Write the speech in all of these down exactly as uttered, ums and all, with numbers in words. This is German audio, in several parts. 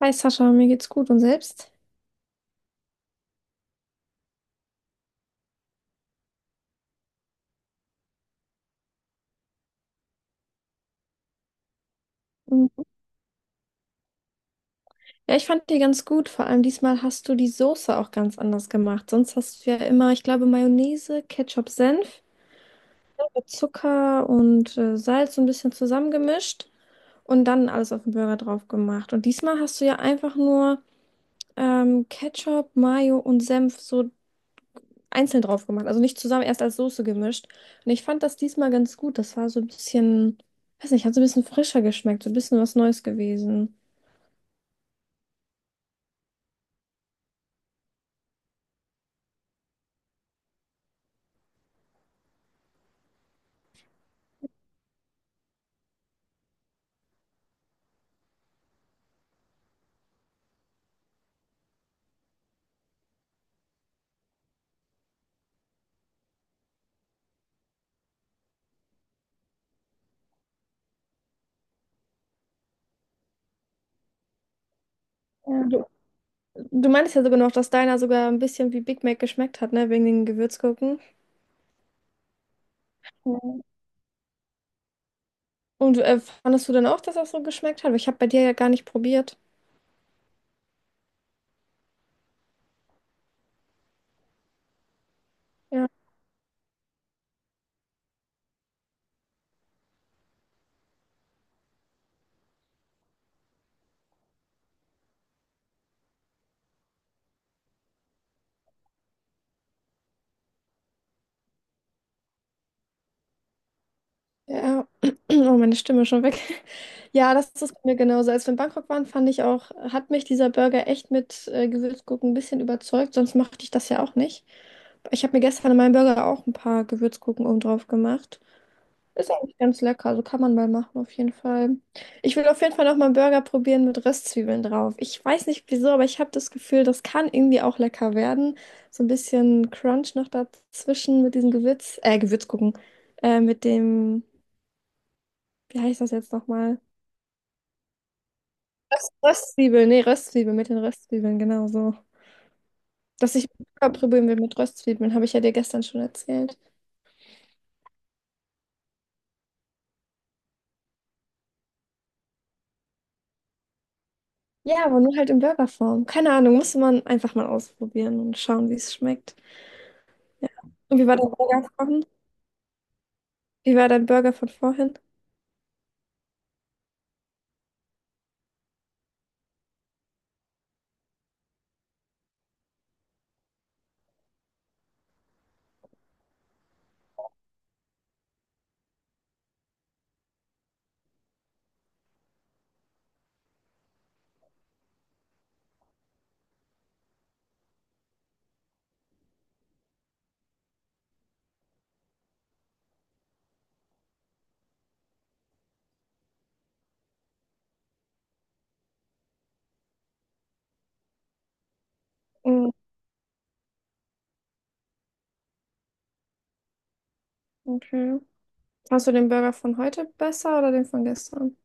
Hi Sascha, mir geht's gut und selbst? Mhm. Ja, ich fand die ganz gut. Vor allem diesmal hast du die Soße auch ganz anders gemacht. Sonst hast du ja immer, ich glaube, Mayonnaise, Ketchup, Senf, Zucker und äh, Salz so ein bisschen zusammengemischt und dann alles auf den Burger drauf gemacht. Und diesmal hast du ja einfach nur ähm, Ketchup, Mayo und Senf so einzeln drauf gemacht. Also nicht zusammen, erst als Soße gemischt. Und ich fand das diesmal ganz gut. Das war so ein bisschen, weiß nicht, hat so ein bisschen frischer geschmeckt, so ein bisschen was Neues gewesen. Ja. Du meintest ja sogar noch, dass deiner sogar ein bisschen wie Big Mac geschmeckt hat, ne? Wegen den Gewürzgurken. Ja. Und äh, fandest du dann auch, dass das so geschmeckt hat? Weil ich habe bei dir ja gar nicht probiert. Ja. Ja. Oh, meine Stimme ist schon weg. Ja, das ist bei mir genauso. Als wir in Bangkok waren, fand ich auch, hat mich dieser Burger echt mit äh, Gewürzgurken ein bisschen überzeugt. Sonst machte ich das ja auch nicht. Ich habe mir gestern in meinem Burger auch ein paar Gewürzgurken oben drauf gemacht. Ist eigentlich ganz lecker, also kann man mal machen auf jeden Fall. Ich will auf jeden Fall noch mal einen Burger probieren mit Röstzwiebeln drauf. Ich weiß nicht wieso, aber ich habe das Gefühl, das kann irgendwie auch lecker werden. So ein bisschen Crunch noch dazwischen mit diesem Gewürz, äh, Gewürz gucken, äh, mit dem, wie heißt das jetzt nochmal? Röst, Röstzwiebeln, nee, Röstzwiebeln, mit den Röstzwiebeln, genau so. Dass ich Burger probieren will mit Röstzwiebeln, habe ich ja dir gestern schon erzählt. Ja, aber nur halt in Burgerform. Keine Ahnung, musste man einfach mal ausprobieren und schauen, wie es schmeckt. Und wie war der Burger? Wie war dein Burger von vorhin? Mm. Okay. Hast du den Burger von heute besser oder den von gestern?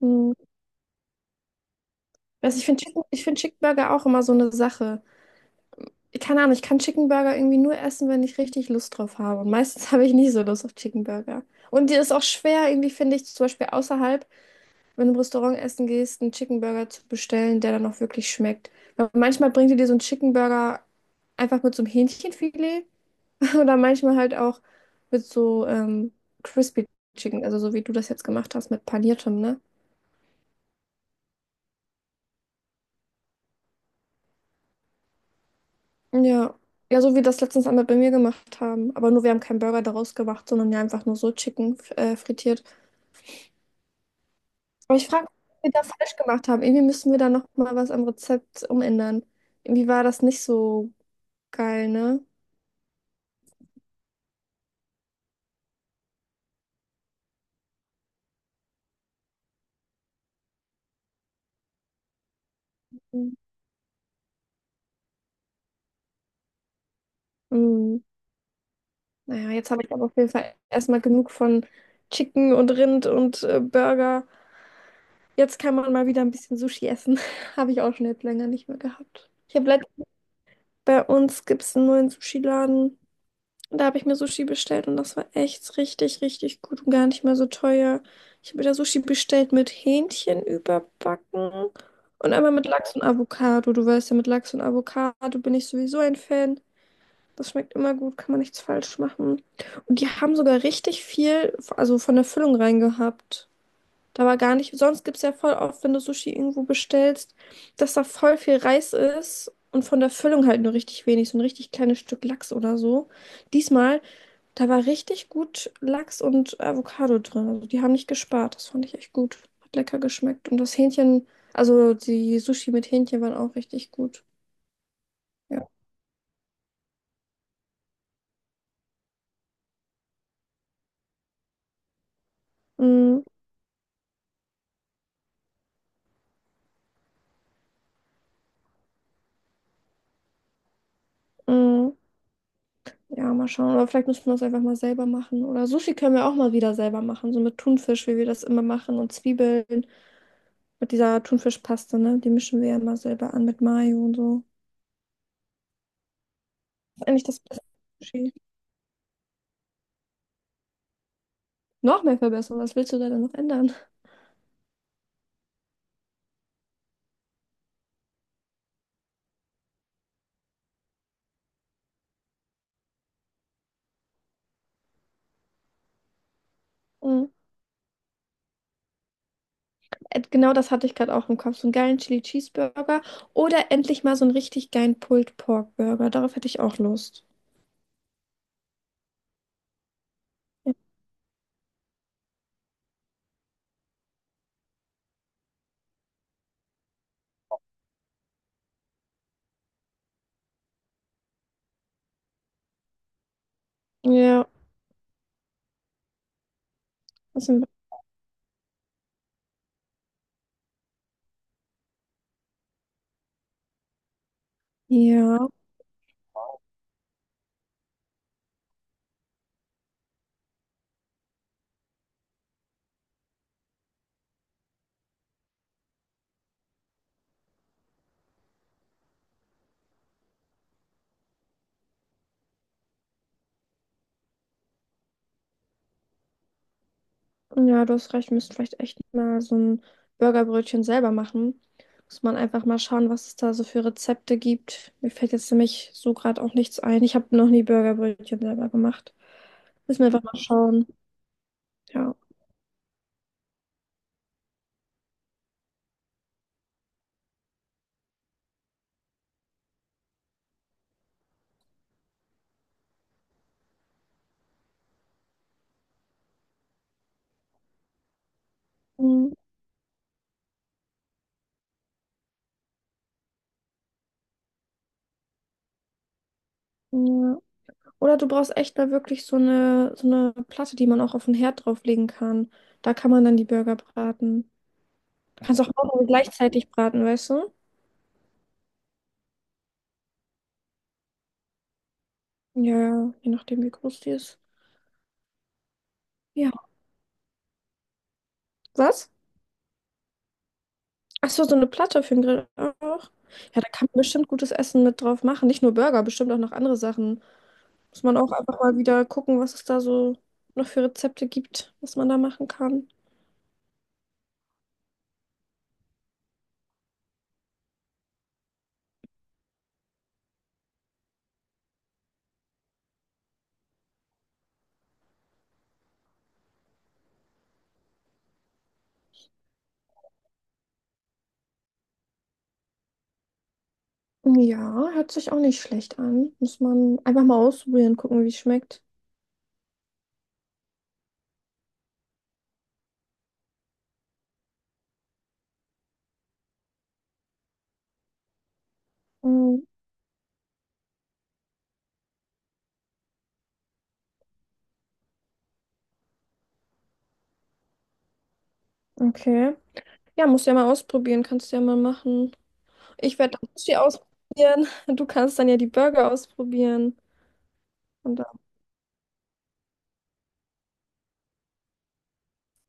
Hm. Also ich finde Chicken, ich finde Chicken Burger auch immer so eine Sache. Ich, keine Ahnung, ich kann Chicken Burger irgendwie nur essen, wenn ich richtig Lust drauf habe. Und meistens habe ich nie so Lust auf Chicken Burger. Und die ist auch schwer, irgendwie finde ich, zum Beispiel außerhalb, wenn du im Restaurant essen gehst, einen Chicken Burger zu bestellen, der dann auch wirklich schmeckt. Weil manchmal bringt die dir so einen Chicken Burger einfach mit so einem Hähnchenfilet. Oder manchmal halt auch mit so ähm, Crispy Chicken, also so wie du das jetzt gemacht hast mit paniertem, ne? Ja. Ja, so wie das letztens einmal bei mir gemacht haben. Aber nur wir haben keinen Burger daraus gemacht, sondern ja einfach nur so Chicken f- äh, frittiert. Aber ich frage mich, was wir da falsch gemacht haben. Irgendwie müssen wir da nochmal was am Rezept umändern. Irgendwie war das nicht so geil, ne? Mhm. Naja, jetzt habe ich aber auf jeden Fall erstmal genug von Chicken und Rind und äh, Burger. Jetzt kann man mal wieder ein bisschen Sushi essen. Habe ich auch schon jetzt länger nicht mehr gehabt. Ich habe letztens bei uns gibt es einen neuen Sushi-Laden. Und da habe ich mir Sushi bestellt und das war echt richtig, richtig gut und gar nicht mehr so teuer. Ich habe mir da Sushi bestellt mit Hähnchen überbacken und einmal mit Lachs und Avocado. Du weißt ja, mit Lachs und Avocado bin ich sowieso ein Fan. Das schmeckt immer gut, kann man nichts falsch machen. Und die haben sogar richtig viel, also von der Füllung rein gehabt. Da war gar nicht. Sonst gibt es ja voll oft, wenn du Sushi irgendwo bestellst, dass da voll viel Reis ist und von der Füllung halt nur richtig wenig, so ein richtig kleines Stück Lachs oder so. Diesmal, da war richtig gut Lachs und Avocado drin. Also die haben nicht gespart. Das fand ich echt gut. Hat lecker geschmeckt. Und das Hähnchen, also die Sushi mit Hähnchen waren auch richtig gut. Ja. Mm. Mm. Ja, mal schauen. Oder vielleicht müssen wir es einfach mal selber machen. Oder Sushi können wir auch mal wieder selber machen. So mit Thunfisch, wie wir das immer machen und Zwiebeln. Mit dieser Thunfischpaste, ne? Die mischen wir ja immer selber an mit Mayo und so. Das ist eigentlich das beste Sushi. Noch mehr verbessern. Was willst du da denn noch ändern? Mhm. Äh, genau das hatte ich gerade auch im Kopf. So einen geilen Chili Cheeseburger oder endlich mal so einen richtig geilen Pulled Pork Burger. Darauf hätte ich auch Lust. Ja, das sind- ja, ja, du hast recht, wir müssen vielleicht echt mal so ein Burgerbrötchen selber machen. Muss man einfach mal schauen, was es da so für Rezepte gibt. Mir fällt jetzt nämlich so gerade auch nichts ein. Ich habe noch nie Burgerbrötchen selber gemacht. Müssen wir einfach mal schauen. Ja. Mhm. Ja. Oder du brauchst echt mal wirklich so eine, so eine Platte, die man auch auf den Herd drauflegen kann. Da kann man dann die Burger braten. Du kannst auch mehrere gleichzeitig braten, weißt du? Ja, ja, je nachdem, wie groß die ist. Ja. Was? Ach so, so eine Platte für den Grill auch. Ja, da kann man bestimmt gutes Essen mit drauf machen. Nicht nur Burger, bestimmt auch noch andere Sachen. Muss man auch einfach mal wieder gucken, was es da so noch für Rezepte gibt, was man da machen kann. Ja, hört sich auch nicht schlecht an. Muss man einfach mal ausprobieren, gucken, wie es schmeckt. Mm. Okay. Ja, musst ja mal ausprobieren, kannst ja mal machen. Ich werde das Sushi ausprobieren. Du kannst dann ja die Burger ausprobieren. Und dann,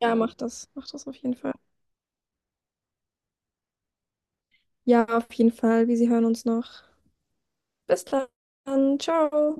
ja, mach das. Mach das auf jeden Fall. Ja, auf jeden Fall. Wir hören uns noch. Bis dann. Ciao.